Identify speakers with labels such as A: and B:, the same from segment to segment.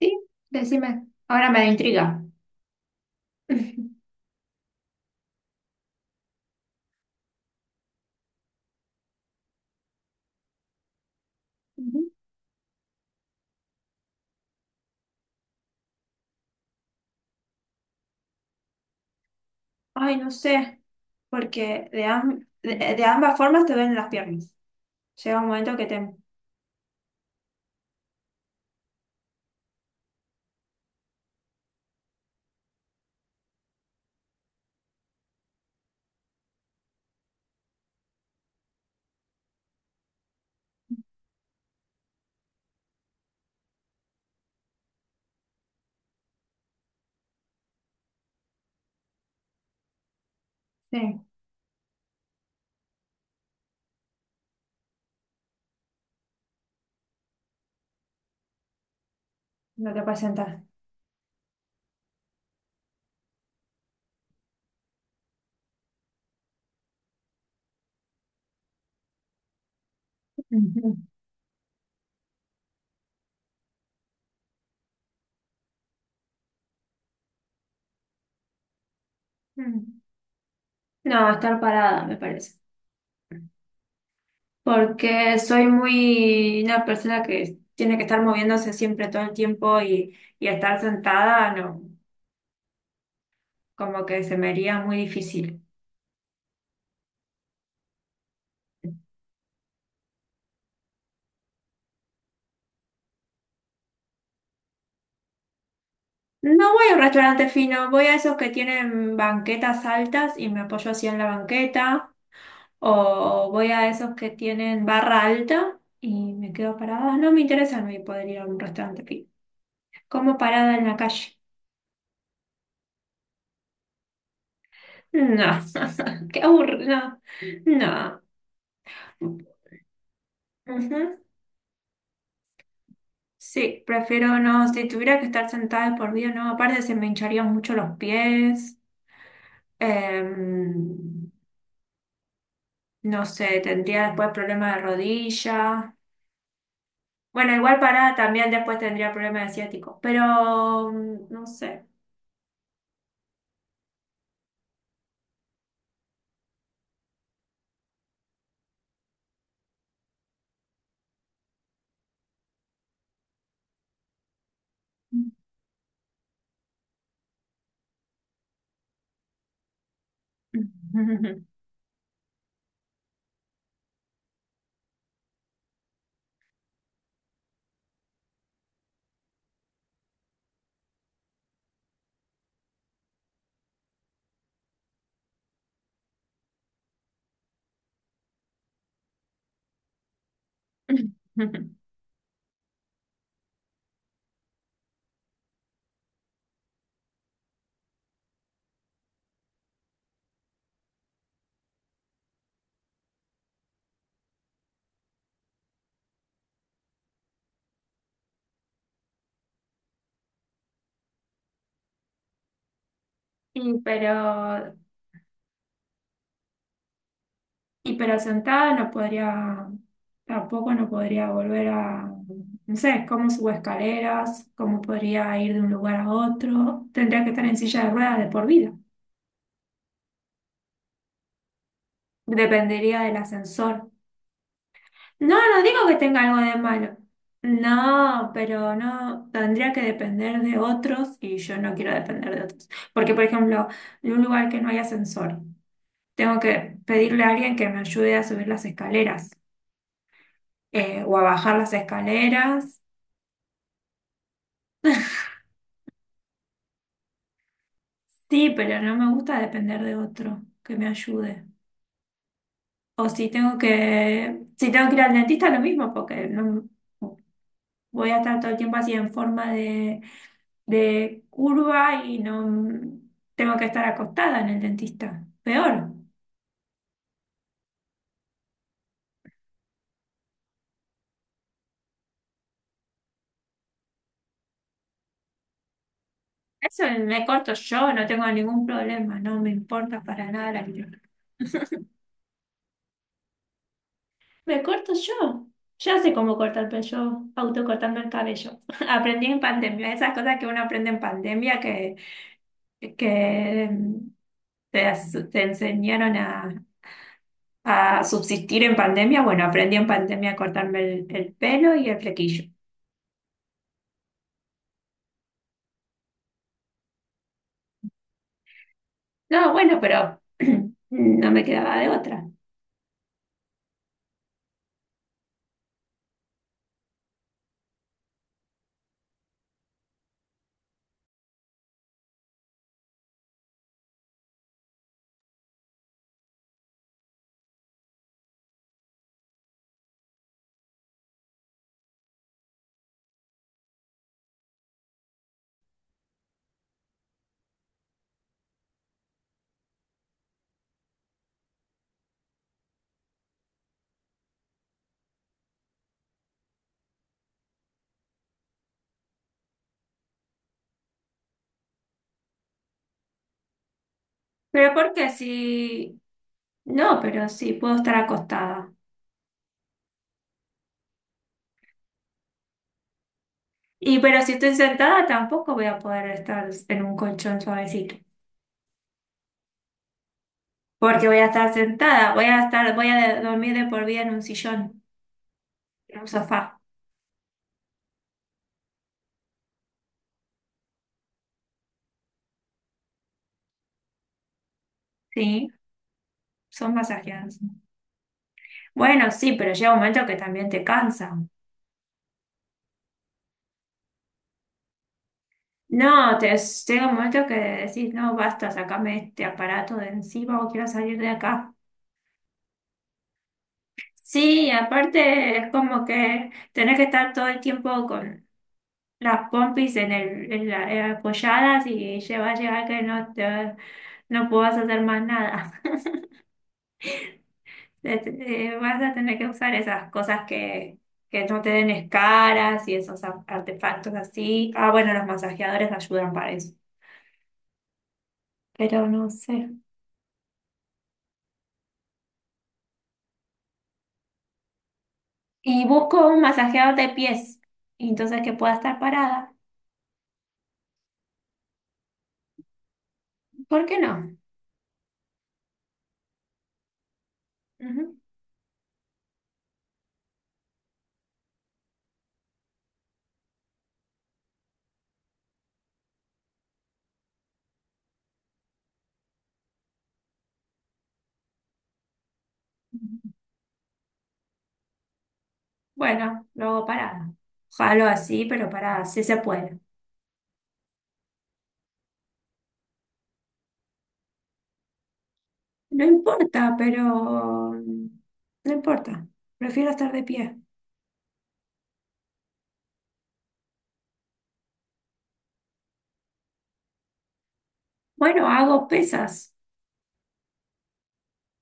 A: Sí, decime. Ahora me da intriga. Ujú. Ay, no sé, porque de ambas formas te duelen las piernas. Llega un momento que te... Sí. No te puedes sentar. Ujú. Mm. No, estar parada, me parece. Porque soy muy una persona que tiene que estar moviéndose siempre todo el tiempo y estar sentada, no, como que se me haría muy difícil. No voy a un restaurante fino, voy a esos que tienen banquetas altas y me apoyo así en la banqueta. O voy a esos que tienen barra alta y me quedo parada. No me interesa no poder ir a un restaurante aquí. Como parada en la calle. No, qué aburrido. No. Ujú. Sí, prefiero no. Si tuviera que estar sentada de por vida, no. Aparte, se me hincharían mucho los pies. Em, no sé, tendría después problema de rodilla. Bueno, igual parada también después tendría problema de ciático. Pero no sé. Y pero, y pero sentada no podría, tampoco no podría volver a, no sé, cómo subo escaleras, cómo podría ir de un lugar a otro. Tendría que estar en silla de ruedas de por vida. Dependería del ascensor. No, no digo que tenga algo de malo. No, pero no, tendría que depender de otros y yo no quiero depender de otros. Porque, por ejemplo, en un lugar que no hay ascensor, tengo que pedirle a alguien que me ayude a subir las escaleras. O a bajar las escaleras. Sí, pero no me gusta depender de otro que me ayude. O si tengo si tengo que ir al dentista, lo mismo, porque no voy a estar todo el tiempo así en forma de curva y no tengo que estar acostada en el dentista. Peor. Eso me corto yo, no tengo ningún problema, no me importa para nada la. Me corto yo. Ya sé cómo cortarme yo, autocortando el cabello. Aprendí en pandemia, esas cosas que uno aprende en pandemia que te enseñaron a subsistir en pandemia. Bueno, aprendí en pandemia a cortarme el pelo y el flequillo. No, bueno, pero no me quedaba de otra. Pero porque si... No, pero sí, puedo estar acostada. Y pero si estoy sentada tampoco voy a poder estar en un colchón suavecito. Porque voy a estar sentada, voy a estar, voy a de- dormir de por vida en un sillón, en un sofá, ¿sí? Son masajeadas. Bueno, sí, pero llega un momento que también te cansan. No, te, Llega un momento que decís, no, basta, sacame este aparato de encima o quiero salir de acá. Sí, aparte es como que tenés que estar todo el tiempo con las pompis en el, apoyadas y lleva a llegar que no te, no puedas hacer más nada. Vas a tener que usar esas cosas que no te den escaras y esos a- artefactos así. Ah, bueno, los masajeadores ayudan para eso, pero no sé. Y busco un masajeador de pies, y entonces que pueda estar parada. ¿Por qué no? Ujú. Bueno, luego parada. Jalo así, pero parada, sí se puede. No importa, pero no importa. Prefiero estar de pie. Bueno, hago pesas.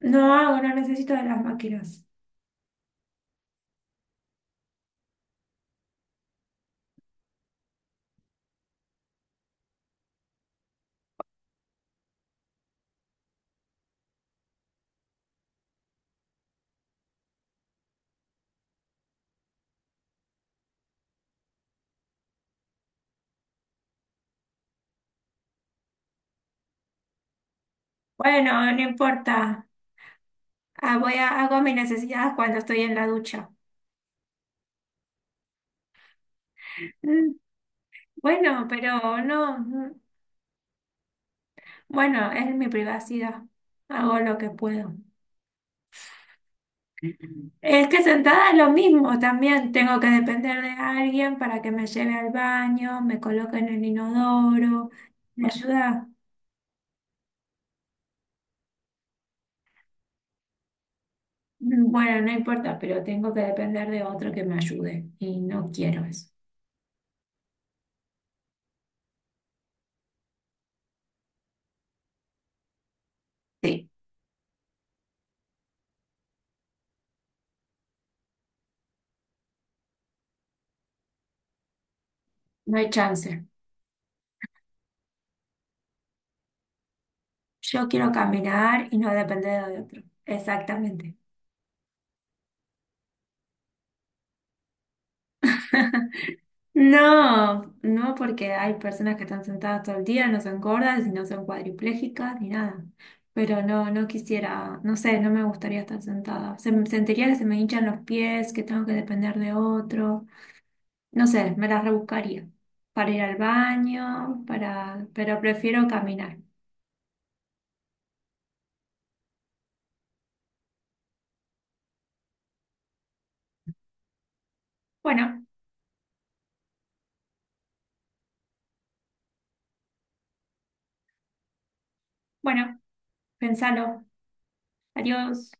A: No hago, no necesito de las máquinas. Bueno, no importa. Ah, voy a, hago mis necesidades cuando estoy en la ducha. Mm, bueno, pero no. Bueno, es mi privacidad. Hago lo que puedo. Es que sentada es lo mismo también. Tengo que depender de alguien para que me lleve al baño, me coloque en el inodoro, me ayuda. Mm, bueno, no importa, pero tengo que depender de otro que me ayude y no quiero eso. Sí, no hay chance. Yo quiero caminar y no depender de otro. Exactamente. No, no, porque hay personas que están sentadas todo el día, no son gordas y no son cuadriplégicas ni nada. Pero no, no quisiera, no sé, no me gustaría estar sentada. Se, me- sentiría que se me hinchan los pies, que tengo que depender de otro. No sé, me las rebuscaría para ir al baño, para, pero prefiero caminar. Bueno, bueno, pensalo. Adiós.